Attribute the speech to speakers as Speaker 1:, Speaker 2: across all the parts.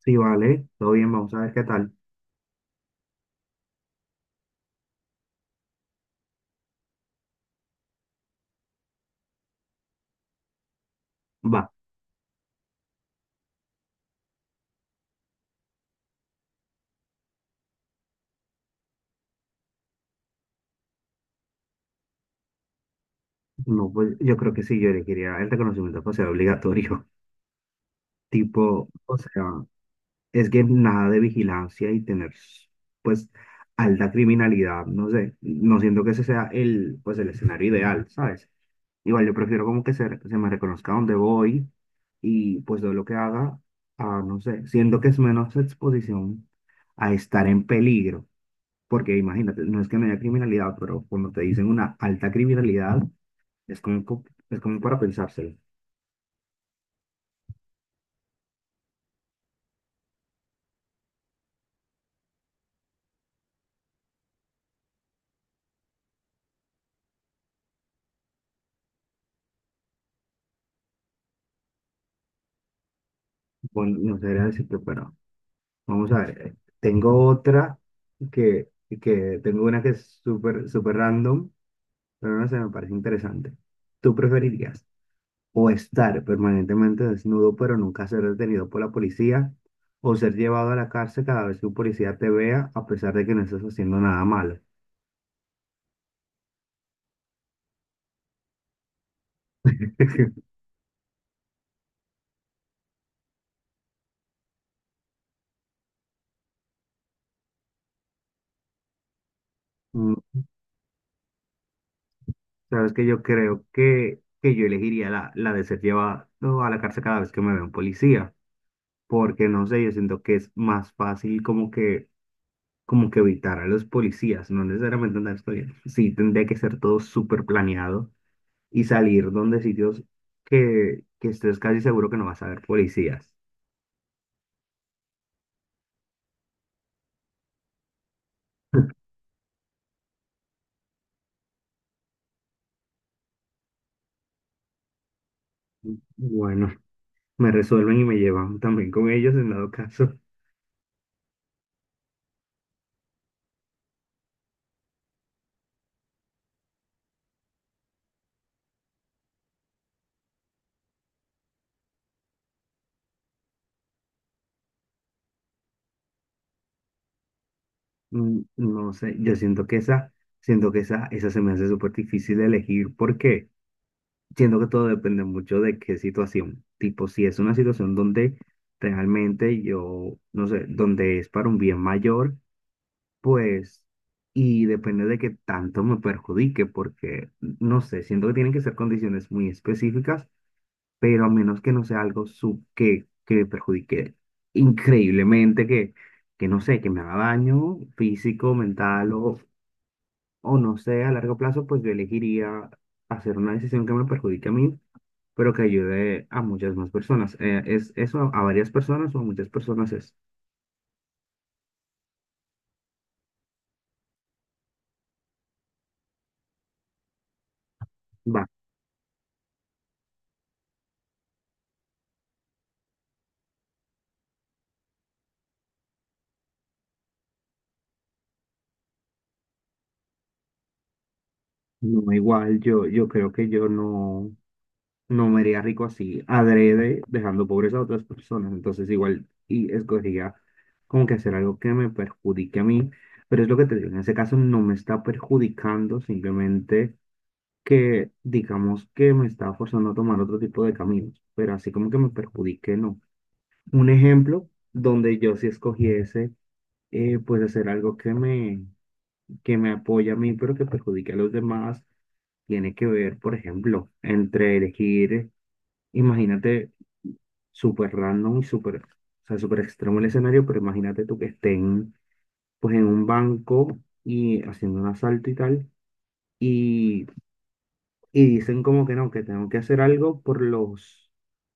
Speaker 1: Sí, vale, todo bien, vamos a ver qué tal. Va, no, pues yo creo que sí, yo elegiría el reconocimiento facial obligatorio. Tipo, o sea, es que nada de vigilancia y tener, pues, alta criminalidad, no sé, no siento que ese sea el escenario ideal, ¿sabes? Igual yo prefiero como que se me reconozca donde voy y pues todo lo que haga, no sé, siento que es menos exposición a estar en peligro. Porque imagínate, no es que no haya criminalidad, pero cuando te dicen una alta criminalidad, es es como para pensárselo. Bueno, no sabría decirte, pero vamos a ver. Tengo otra que, que tengo una que es súper random, pero no sé, me parece interesante. ¿Tú preferirías o estar permanentemente desnudo, pero nunca ser detenido por la policía, o ser llevado a la cárcel cada vez que un policía te vea, a pesar de que no estás haciendo nada malo? Mm, sabes que yo creo que yo elegiría la de ser llevado a la cárcel cada vez que me vea un policía, porque no sé, yo siento que es más fácil como que evitar a los policías, no necesariamente andar estudiando. Sí, tendría que ser todo súper planeado y salir donde sitios que estés casi seguro que no vas a ver policías. Bueno, me resuelven y me llevan también con ellos en dado caso. Mm, no sé, yo siento que esa, siento que esa se me hace súper difícil de elegir porque siento que todo depende mucho de qué situación. Tipo, si es una situación donde realmente yo, no sé, donde es para un bien mayor, pues, y depende de qué tanto me perjudique, porque, no sé, siento que tienen que ser condiciones muy específicas, pero a menos que no sea algo que me perjudique increíblemente, que no sé, que me haga daño físico, mental o no sé, a largo plazo, pues yo elegiría hacer una decisión que me perjudique a mí pero que ayude a muchas más personas. ¿Es eso a varias personas o a muchas personas es? Va, no, igual yo creo que yo no, no me haría rico así, adrede, dejando pobres a otras personas. Entonces igual y escogería como que hacer algo que me perjudique a mí, pero es lo que te digo, en ese caso no me está perjudicando, simplemente que digamos que me está forzando a tomar otro tipo de caminos, pero así como que me perjudique, no. Un ejemplo donde yo si escogiese pues hacer algo que me apoya a mí, pero que perjudique a los demás, tiene que ver, por ejemplo, entre elegir, imagínate, súper random y súper, o sea, súper extremo el escenario, pero imagínate tú que estén, pues, en un banco y haciendo un asalto y tal, y, y dicen como que no, que tengo que hacer algo por los,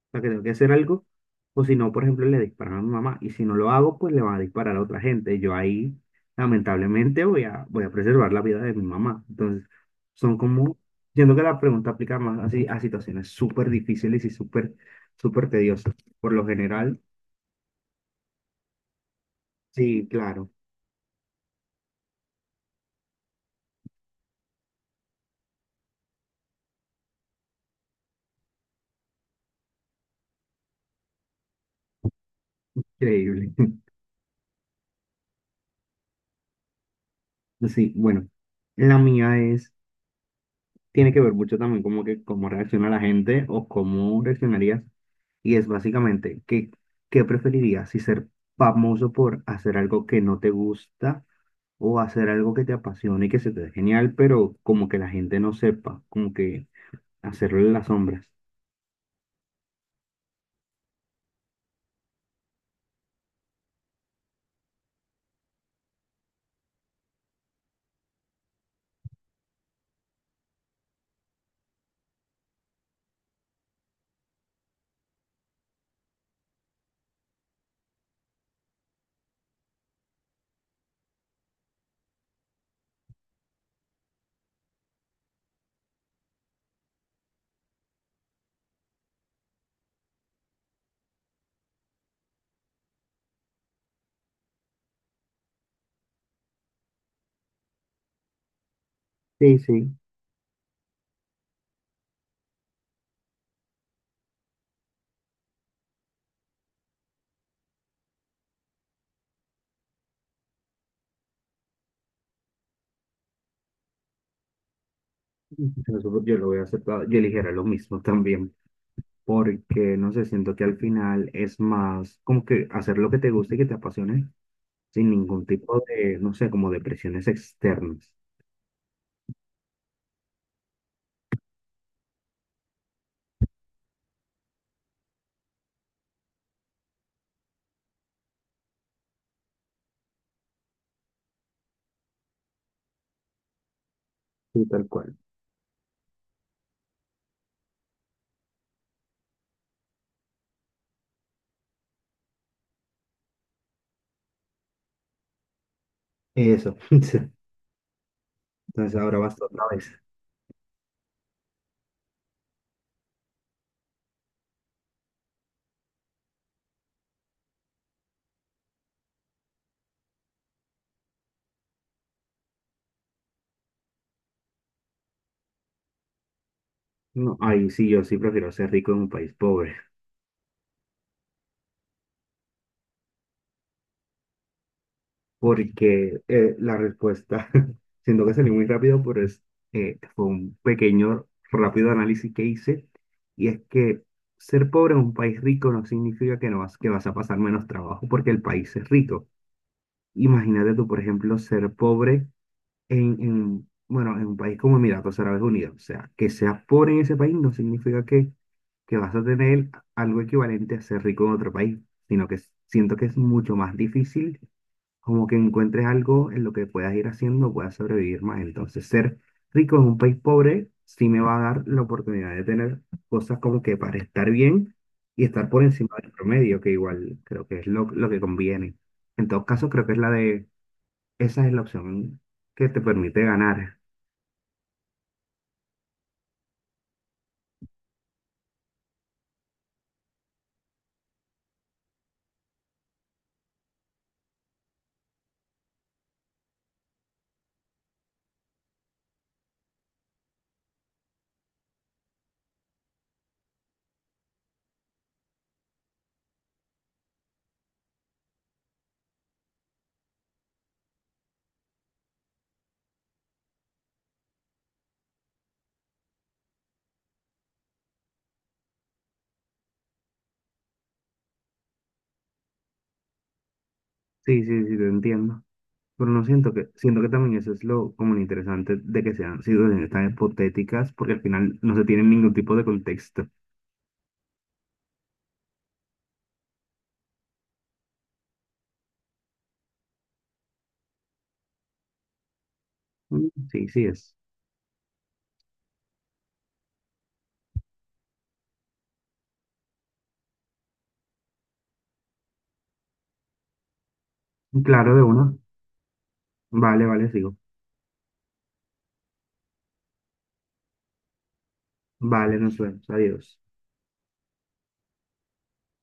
Speaker 1: o sea, que tengo que hacer algo. O si no, por ejemplo, le disparan a mi mamá. Y si no lo hago, pues le van a disparar a otra gente. Y yo ahí, lamentablemente, voy a preservar la vida de mi mamá. Entonces, son como, siento que la pregunta aplica más así a situaciones súper difíciles y súper, súper tediosas. Por lo general, sí, claro, increíble. Sí, bueno, la mía es, tiene que ver mucho también como que cómo reacciona la gente o cómo reaccionarías. Y es básicamente, ¿qué, qué preferirías? Si ser famoso por hacer algo que no te gusta o hacer algo que te apasione y que se te dé genial, pero como que la gente no sepa, como que hacerlo en las sombras. Sí, sí, eso yo lo voy a aceptar. Yo eligiera lo mismo también, porque no sé, siento que al final es más como que hacer lo que te guste y que te apasione sin ningún tipo de, no sé, como de presiones externas. Sí, tal cual. Eso. Entonces ahora vas tú otra vez. No, ahí sí, yo sí prefiero ser rico en un país pobre, porque la respuesta, siento que salí muy rápido, pero es, fue un pequeño, rápido análisis que hice, y es que ser pobre en un país rico no significa que, no vas, que vas a pasar menos trabajo porque el país es rico. Imagínate tú, por ejemplo, ser pobre en, bueno, en un país como Emiratos Árabes Unidos. O sea, que seas pobre en ese país no significa que vas a tener algo equivalente a ser rico en otro país, sino que siento que es mucho más difícil como que encuentres algo en lo que puedas ir haciendo, puedas sobrevivir más. Entonces, ser rico en un país pobre sí me va a dar la oportunidad de tener cosas como que para estar bien y estar por encima del promedio, que igual creo que es lo que conviene. En todo caso, creo que es la de, esa es la opción que te permite ganar. Sí, sí, sí, te entiendo. Pero no siento que, siento que también eso es lo como lo interesante de que sean situaciones tan hipotéticas, porque al final no se tiene ningún tipo de contexto. Mm, sí, sí es. Claro, de uno. Vale, vale, sigo. Vale, nos vemos. Adiós.